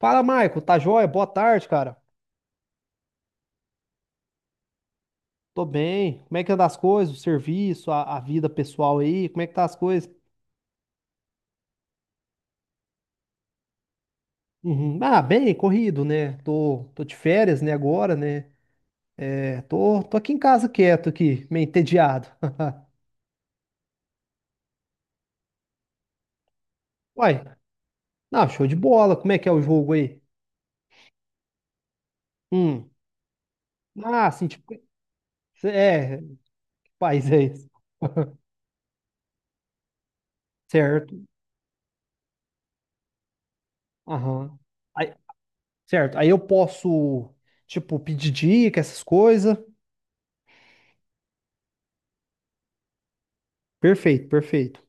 Fala, Marco, tá joia? Boa tarde, cara. Tô bem. Como é que anda as coisas? O serviço, a vida pessoal aí? Como é que tá as coisas? Uhum. Ah, bem, corrido, né? Tô de férias, né, agora, né? É, tô aqui em casa quieto aqui, meio entediado. Uai, não, show de bola. Como é que é o jogo aí? Hum. Ah, assim, tipo, é, país é esse? Certo. Aham. Aí, certo. Aí eu posso, tipo, pedir dica, essas coisas. Perfeito, perfeito.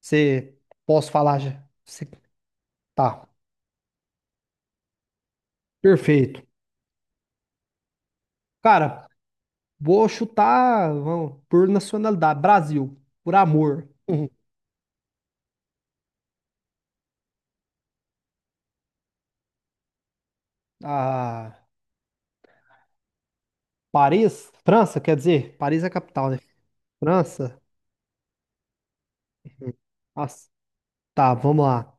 Você posso falar já? Tá, perfeito. Cara, vou chutar vamos, por nacionalidade, Brasil, por amor. Uhum. Ah, Paris, França, quer dizer, Paris é a capital, né? França. Nossa, tá, vamos lá.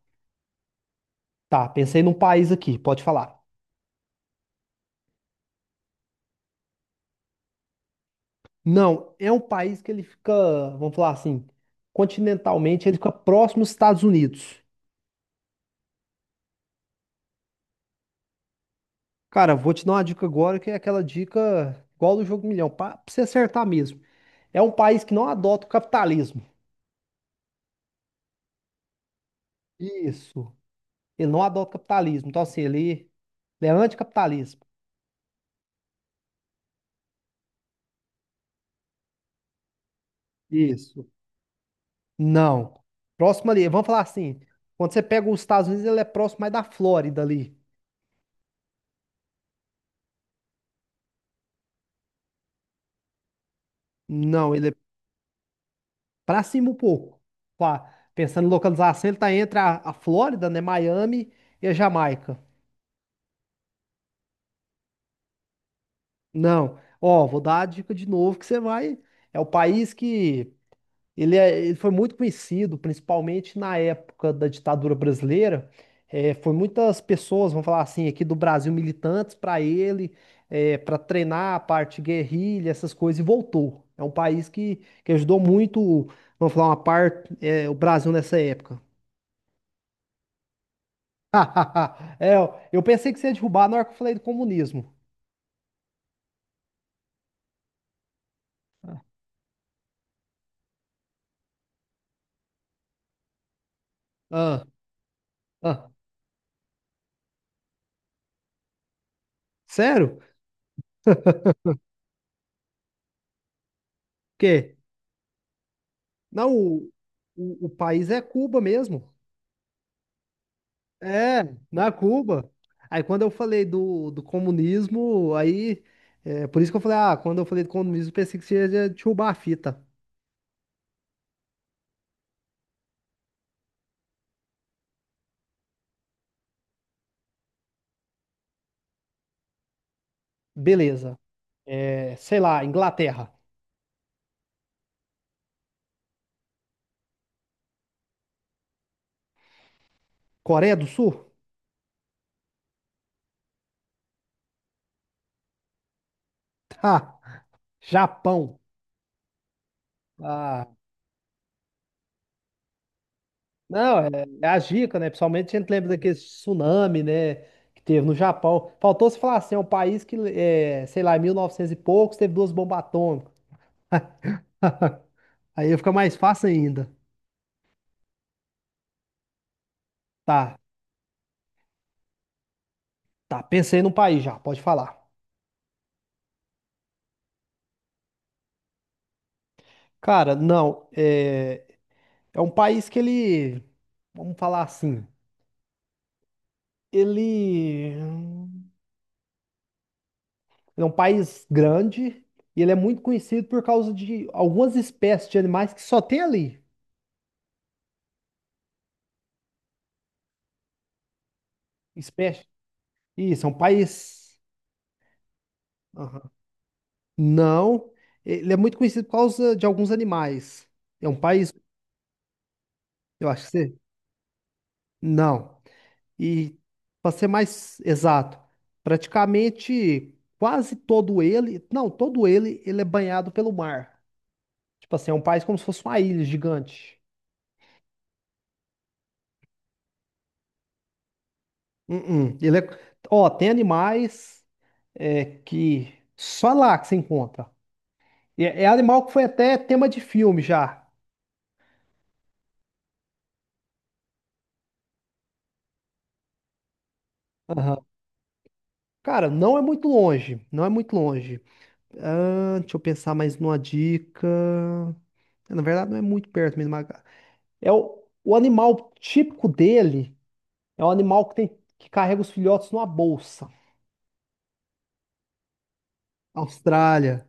Tá, pensei num país aqui, pode falar. Não, é um país que ele fica, vamos falar assim, continentalmente, ele fica próximo aos Estados Unidos. Cara, vou te dar uma dica agora que é aquela dica igual do Jogo Milhão, pra você acertar mesmo. É um país que não adota o capitalismo. Isso. Ele não adota o capitalismo. Então, assim, ele é anticapitalismo. Isso. Não. Próximo ali, vamos falar assim. Quando você pega os Estados Unidos, ele é próximo mais da Flórida ali. Não, ele é pra cima um pouco. Pensando em localização, ele tá entre a Flórida, né? Miami e a Jamaica. Não. Ó, vou dar a dica de novo que você vai. É o país que Ele, é- ele foi muito conhecido, principalmente na época da ditadura brasileira. É, foi muitas pessoas, vamos falar assim, aqui do Brasil, militantes para ele, para treinar a parte guerrilha, essas coisas, e voltou. É um país que ajudou muito, vamos falar, uma parte, o Brasil nessa época. É, eu pensei que você ia derrubar na hora que eu falei do comunismo. Ah, ah. Sério? Porque não, o país é Cuba mesmo. É, na Cuba. Aí quando eu falei do comunismo, aí. É, por isso que eu falei, ah, quando eu falei do comunismo, pensei que seria de roubar a fita. Beleza. É, sei lá, Inglaterra. Coreia do Sul? Tá. Japão. Ah. Não, é a dica, né? Principalmente a gente lembra daquele tsunami, né? Que teve no Japão. Faltou se falar assim, é um país que, é, sei lá, em 1900 e poucos teve duas bombas atômicas. Aí fica mais fácil ainda. Tá, tá. Pensei num país já, pode falar. Cara, não, é um país que ele, vamos falar assim, ele é um país grande e ele é muito conhecido por causa de algumas espécies de animais que só tem ali. Espécie. Isso, é um país. Aham. Não, ele é muito conhecido por causa de alguns animais. É um país, eu acho que você. Não. E para ser mais exato, praticamente quase todo ele, não, todo ele, ele é banhado pelo mar. Tipo assim, é um país como se fosse uma ilha gigante. Uh-uh. Ó, tem animais que só lá que se encontra. E é animal que foi até tema de filme já. Aham. Cara, não é muito longe. Não é muito longe. Ah, deixa eu pensar mais numa dica. Na verdade, não é muito perto mesmo. É o animal típico dele é um animal que tem que carrega os filhotes numa bolsa. Austrália.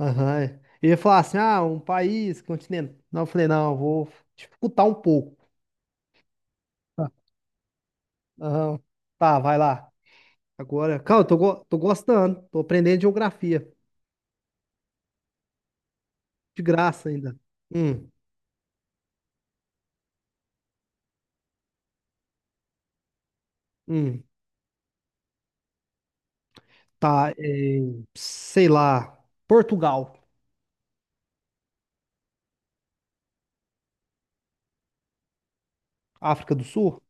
Aham. É. Eu ia falar assim, ah, um país, continente. Não, eu falei, não, eu vou dificultar um pouco. Tá. Aham. Tá, vai lá. Agora, calma, eu tô gostando. Tô aprendendo geografia. De graça ainda. Hum, hum. Tá, é, sei lá, Portugal, África do Sul?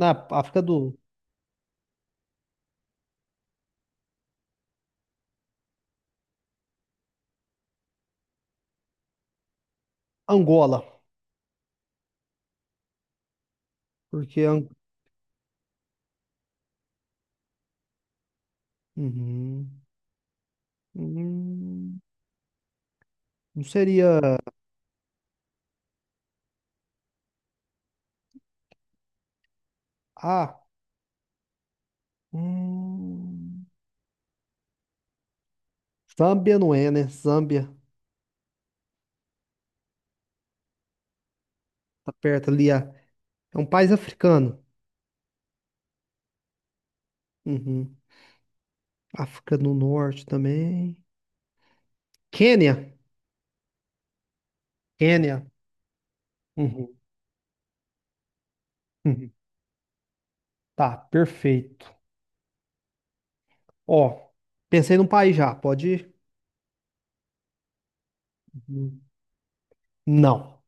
Na África do Angola. Porque Ang- Uhum. Hum, não seria. Ah, hum, Zâmbia não é, né? Zâmbia tá perto ali. É um país africano. Uhum. África do Norte também. Quênia. Quênia. Uhum. Uhum. Tá, perfeito. Ó, pensei num país já, pode ir? Uhum. Não.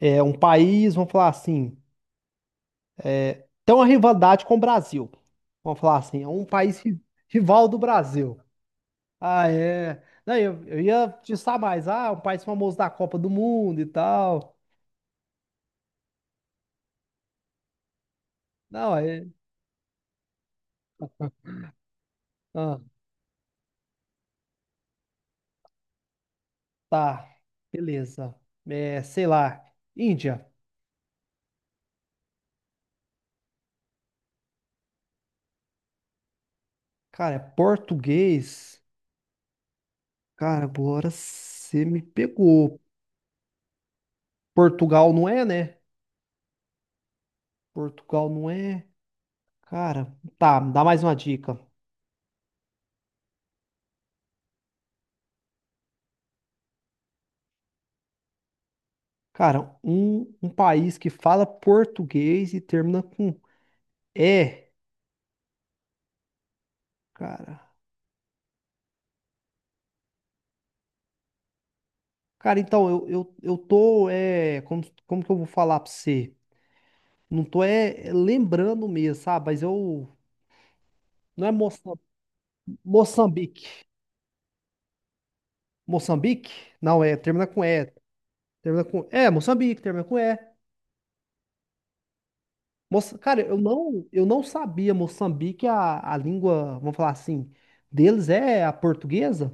É um país, vamos falar assim, tem uma rivalidade com o Brasil. Vamos falar assim, é um país rival do Brasil. Ah, é. Não, eu ia te saber mais. Ah, um país famoso da Copa do Mundo e tal. Não, é. Ah, tá. Beleza. É, sei lá. Índia. Cara, é português. Cara, agora você me pegou. Portugal não é, né? Portugal não é. Cara, tá, me dá mais uma dica. Cara, um país que fala português e termina com é, cara. Cara, então, eu tô, como que eu vou falar pra você? Não tô, lembrando mesmo, sabe? Mas eu, não é Moçambique. Moçambique? Não, termina com é. Termina com, Moçambique, termina com é. Cara, eu não sabia, Moçambique, a língua, vamos falar assim, deles é a portuguesa?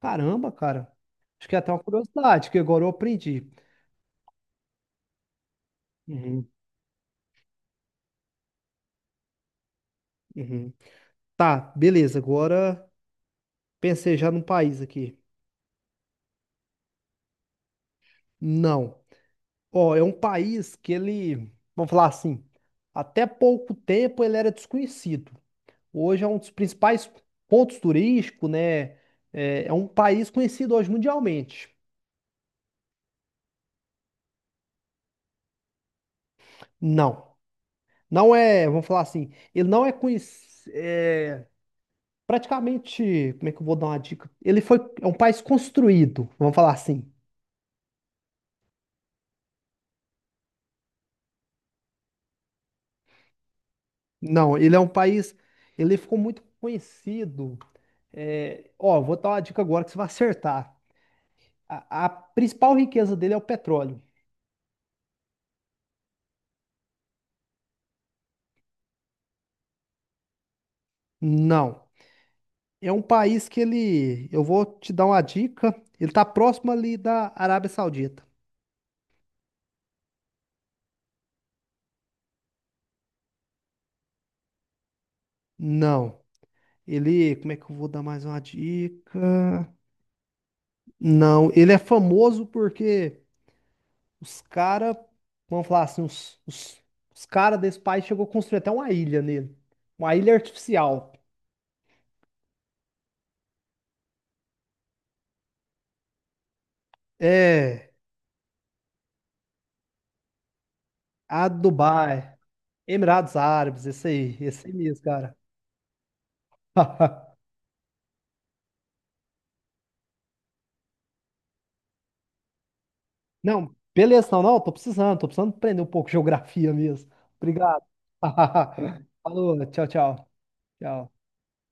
Caramba, cara. Acho que é até uma curiosidade, que agora eu aprendi. Uhum, uhum. Tá, beleza. Agora pensei já num país aqui. Não. Ó, é um país que ele, vamos falar assim, até pouco tempo ele era desconhecido. Hoje é um dos principais pontos turísticos, né? É um país conhecido hoje mundialmente. Não. Não é, vamos falar assim, ele não é conhecido, praticamente, como é que eu vou dar uma dica? Ele foi, é um país construído, vamos falar assim. Não, ele é um país, ele ficou muito conhecido. Ó, vou dar uma dica agora que você vai acertar. A principal riqueza dele é o petróleo. Não, é um país que ele, eu vou te dar uma dica, ele tá próximo ali da Arábia Saudita. Não, ele, como é que eu vou dar mais uma dica? Não, ele é famoso porque os caras, vamos falar assim, os caras desse país chegou a construir até uma ilha nele. Uma ilha artificial. É, a Dubai, Emirados Árabes, esse aí mesmo, cara. Não, beleza, não, não, tô precisando aprender um pouco de geografia mesmo. Obrigado. Falou, tchau, tchau. Tchau.